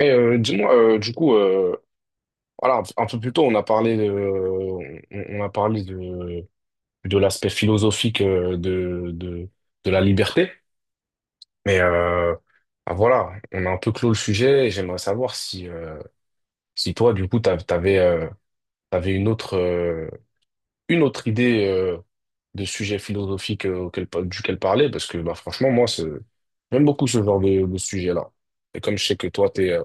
Et dis-moi, du coup, voilà, un peu plus tôt, on a parlé de, on a parlé de l'aspect philosophique de la liberté. Mais euh, voilà, on a un peu clos le sujet et j'aimerais savoir si toi, du coup, t'avais une une autre idée de sujet philosophique duquel parler, parce que bah, franchement, j'aime beaucoup ce genre de sujet-là. Et comme je sais que toi, tu es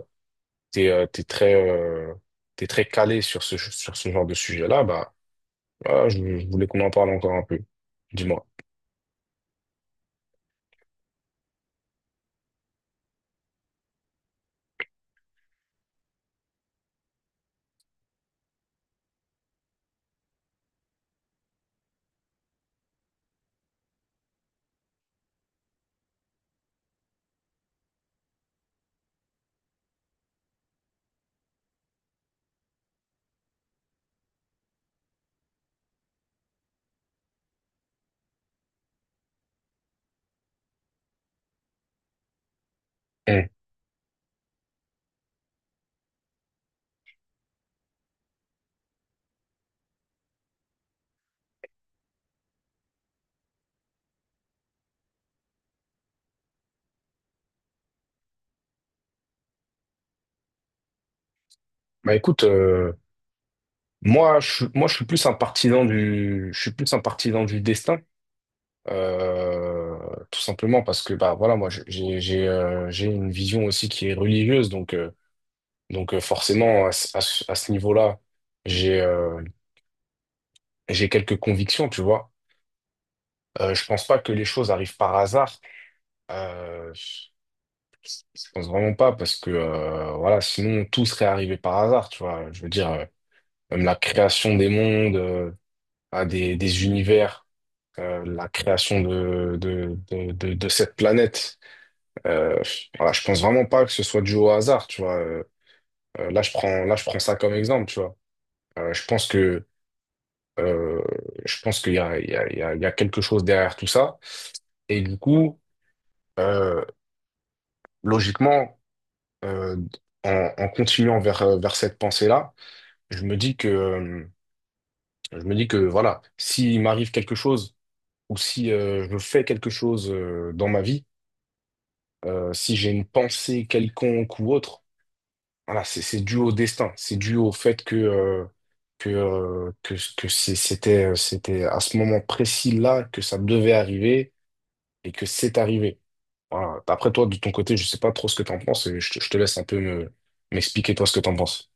t'es, t'es très calé sur ce genre de sujet-là, bah, voilà, je voulais qu'on en parle encore un peu. Dis-moi. Hmm. Bah, écoute, moi, je suis plus un je suis plus un partisan du destin. euh, Tout simplement parce que, bah, voilà, moi, je- j'ai une vision aussi qui est religieuse, donc, forcément, à ce niveau-là, j'ai, euh, j'ai quelques convictions, tu vois. Je pense pas que les choses arrivent par hasard. Euh, Je pense vraiment pas parce que voilà, sinon tout serait arrivé par hasard, tu vois. Je veux dire, même la création des mondes, à des univers, la création de cette planète. Euh, voilà, je pense vraiment pas que ce soit dû au hasard, tu vois. Là, je prends ça comme exemple, tu vois. Je pense que euh, je pense qu'il y a, il y a, il y a, il y a quelque chose derrière tout ça. Et du coup, euh, logiquement, euh, en continuant vers cette pensée-là. Je me dis que, je me dis que voilà, s'il m'arrive quelque chose ou si je fais quelque chose dans ma vie, si j'ai une pensée quelconque ou autre, voilà, c'est dû au destin, c'est dû au fait que c'était à ce moment précis-là que ça devait arriver et que c'est arrivé. Voilà. Après toi, de ton côté, je sais pas trop ce que tu en penses et je te laisse un peu m'expliquer toi ce que tu en penses.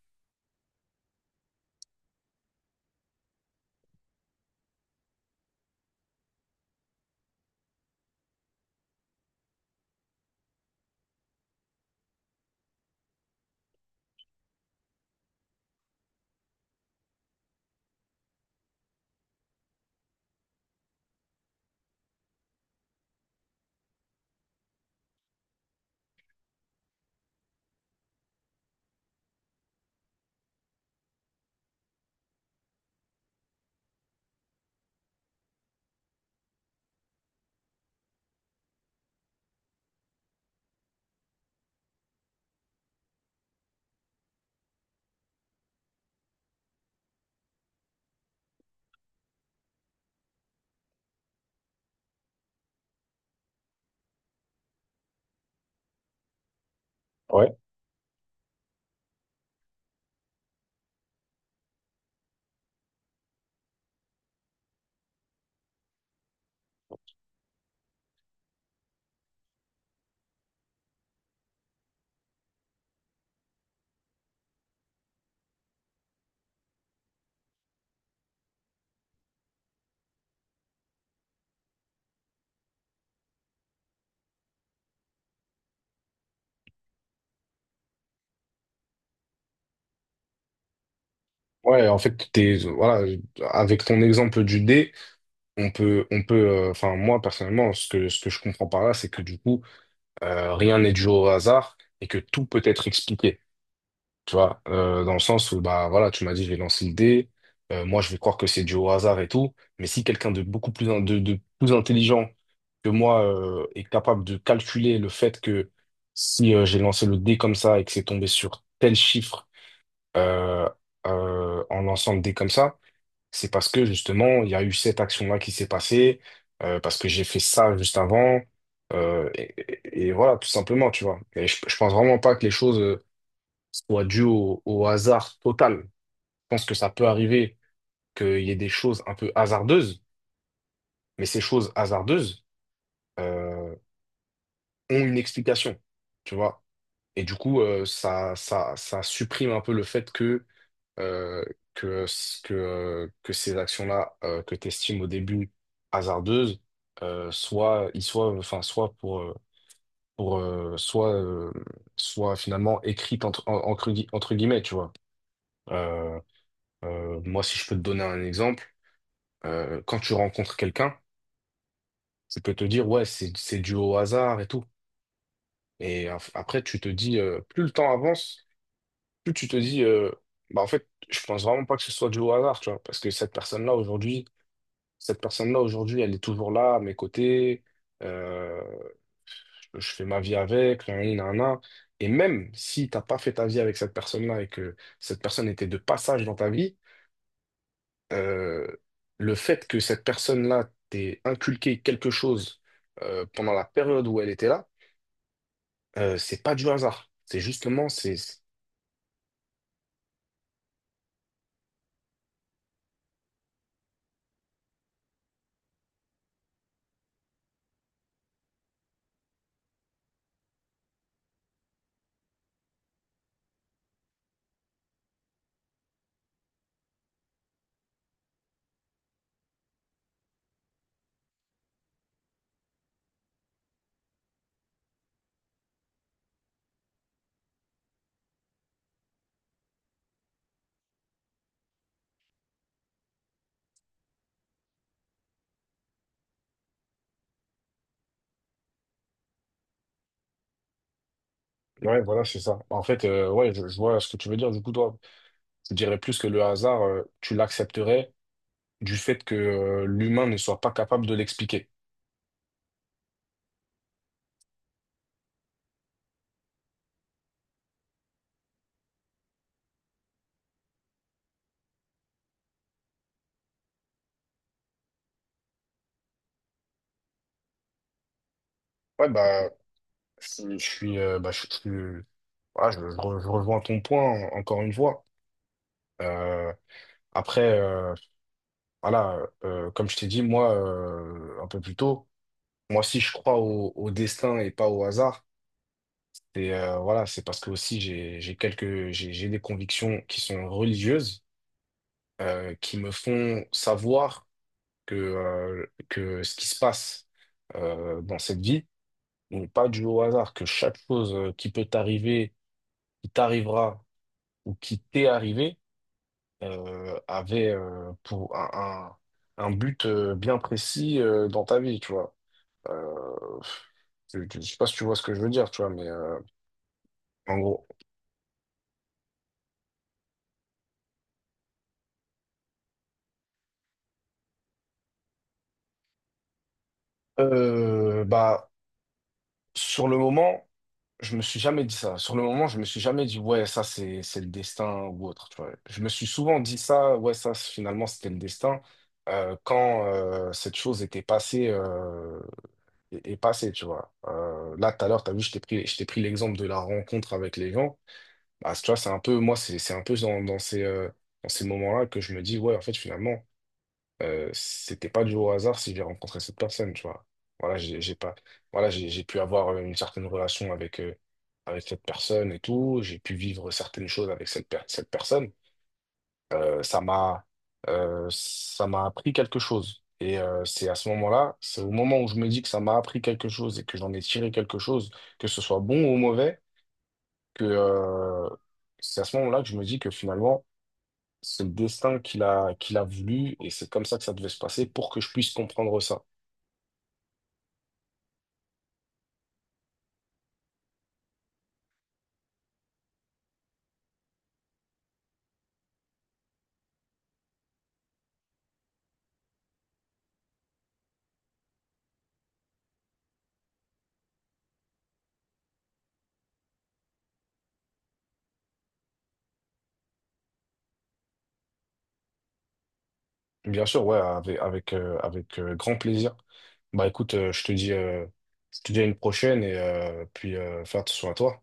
Ouais, ouais, En fait, t'es, voilà, avec ton exemple du dé, on peut, enfin, moi, personnellement, ce que je comprends par là, c'est que du coup, rien n'est dû au hasard et que tout peut être expliqué. Tu vois, dans le sens où, bah, voilà, tu m'as dit, je vais lancer le dé, moi, je vais croire que c'est dû au hasard et tout, mais si quelqu'un de beaucoup de plus intelligent que moi, est capable de calculer le fait que si, j'ai lancé le dé comme ça et que c'est tombé sur tel chiffre, euh, en lançant le dé comme ça, c'est parce que justement, il y a eu cette action-là qui s'est passée, parce que j'ai fait ça juste avant, euh, et, et voilà, tout simplement, tu vois. Et je pense vraiment pas que les choses soient dues au hasard total. Je pense que ça peut arriver qu'il y ait des choses un peu hasardeuses, mais ces choses hasardeuses, euh, ont une explication, tu vois. Et du coup, ça supprime un peu le fait que euh, que ces actions-là que tu estimes au début hasardeuses, soit, ils soient, enfin, soit pour soit, soit finalement écrites entre guillemets, tu vois. Euh, Moi, si je peux te donner un exemple, quand tu rencontres quelqu'un, tu peux te dire, ouais, c'est dû au hasard et tout. Après, tu te dis, plus le temps avance, plus tu te dis, bah, en fait, je pense vraiment pas que ce soit dû au hasard, tu vois, parce que cette personne-là, aujourd'hui, elle est toujours là, à mes côtés, euh, je fais ma vie avec, nan, nan, nan. Et même si t'as pas fait ta vie avec cette personne-là et que cette personne était de passage dans ta vie, euh, le fait que cette personne-là t'ait inculqué quelque chose pendant la période où elle était là, c'est pas du hasard. C'est justement, Ouais, voilà, c'est ça. En fait, je vois ce que tu veux dire. Du coup, toi, je dirais plus que le hasard, tu l'accepterais du fait que l'humain ne soit pas capable de l'expliquer. Ouais, bah, je suis, bah, je- voilà, je rejoins ton point encore une fois. Euh, après, euh, voilà, comme je t'ai dit, moi, un peu plus tôt, moi, si je crois au destin et pas au hasard, c'est voilà, c'est parce que aussi j'ai des convictions qui sont religieuses, qui me font savoir que ce qui se passe dans cette vie n'est pas dû au hasard, que chaque chose qui peut t'arriver, qui t'arrivera ou qui t'est arrivé avait un but bien précis dans ta vie, tu vois. Euh, je ne sais pas si tu vois ce que je veux dire, tu vois, mais en gros. Bah, sur le moment, je me suis jamais dit ça. Sur le moment, je me suis jamais dit, ouais, ça, c'est le destin ou autre, tu vois. Je me suis souvent dit ça, ouais, finalement, c'était le destin, quand cette chose était passée et passer, tu vois. Là, tout à l'heure, tu as vu, je t'ai pris l'exemple de la rencontre avec les gens. Bah, tu vois, c'est un peu dans ces moments-là que je me dis, ouais, en fait, finalement, c'était pas du au hasard si j'ai rencontré cette personne, tu vois. Voilà, j'ai pas, voilà, j'ai pu avoir une certaine relation avec, avec cette personne et tout, j'ai pu vivre certaines choses avec cette personne. Euh, ça m'a Ça m'a appris quelque chose. Et c'est à ce moment-là, c'est au moment où je me dis que ça m'a appris quelque chose et que j'en ai tiré quelque chose, que ce soit bon ou mauvais, que c'est à ce moment-là que je me dis que finalement, c'est le destin qu'il a voulu et c'est comme ça que ça devait se passer pour que je puisse comprendre ça. Bien sûr, ouais, avec grand plaisir. Bah écoute, je te dis à une prochaine et puis faire attention à toi.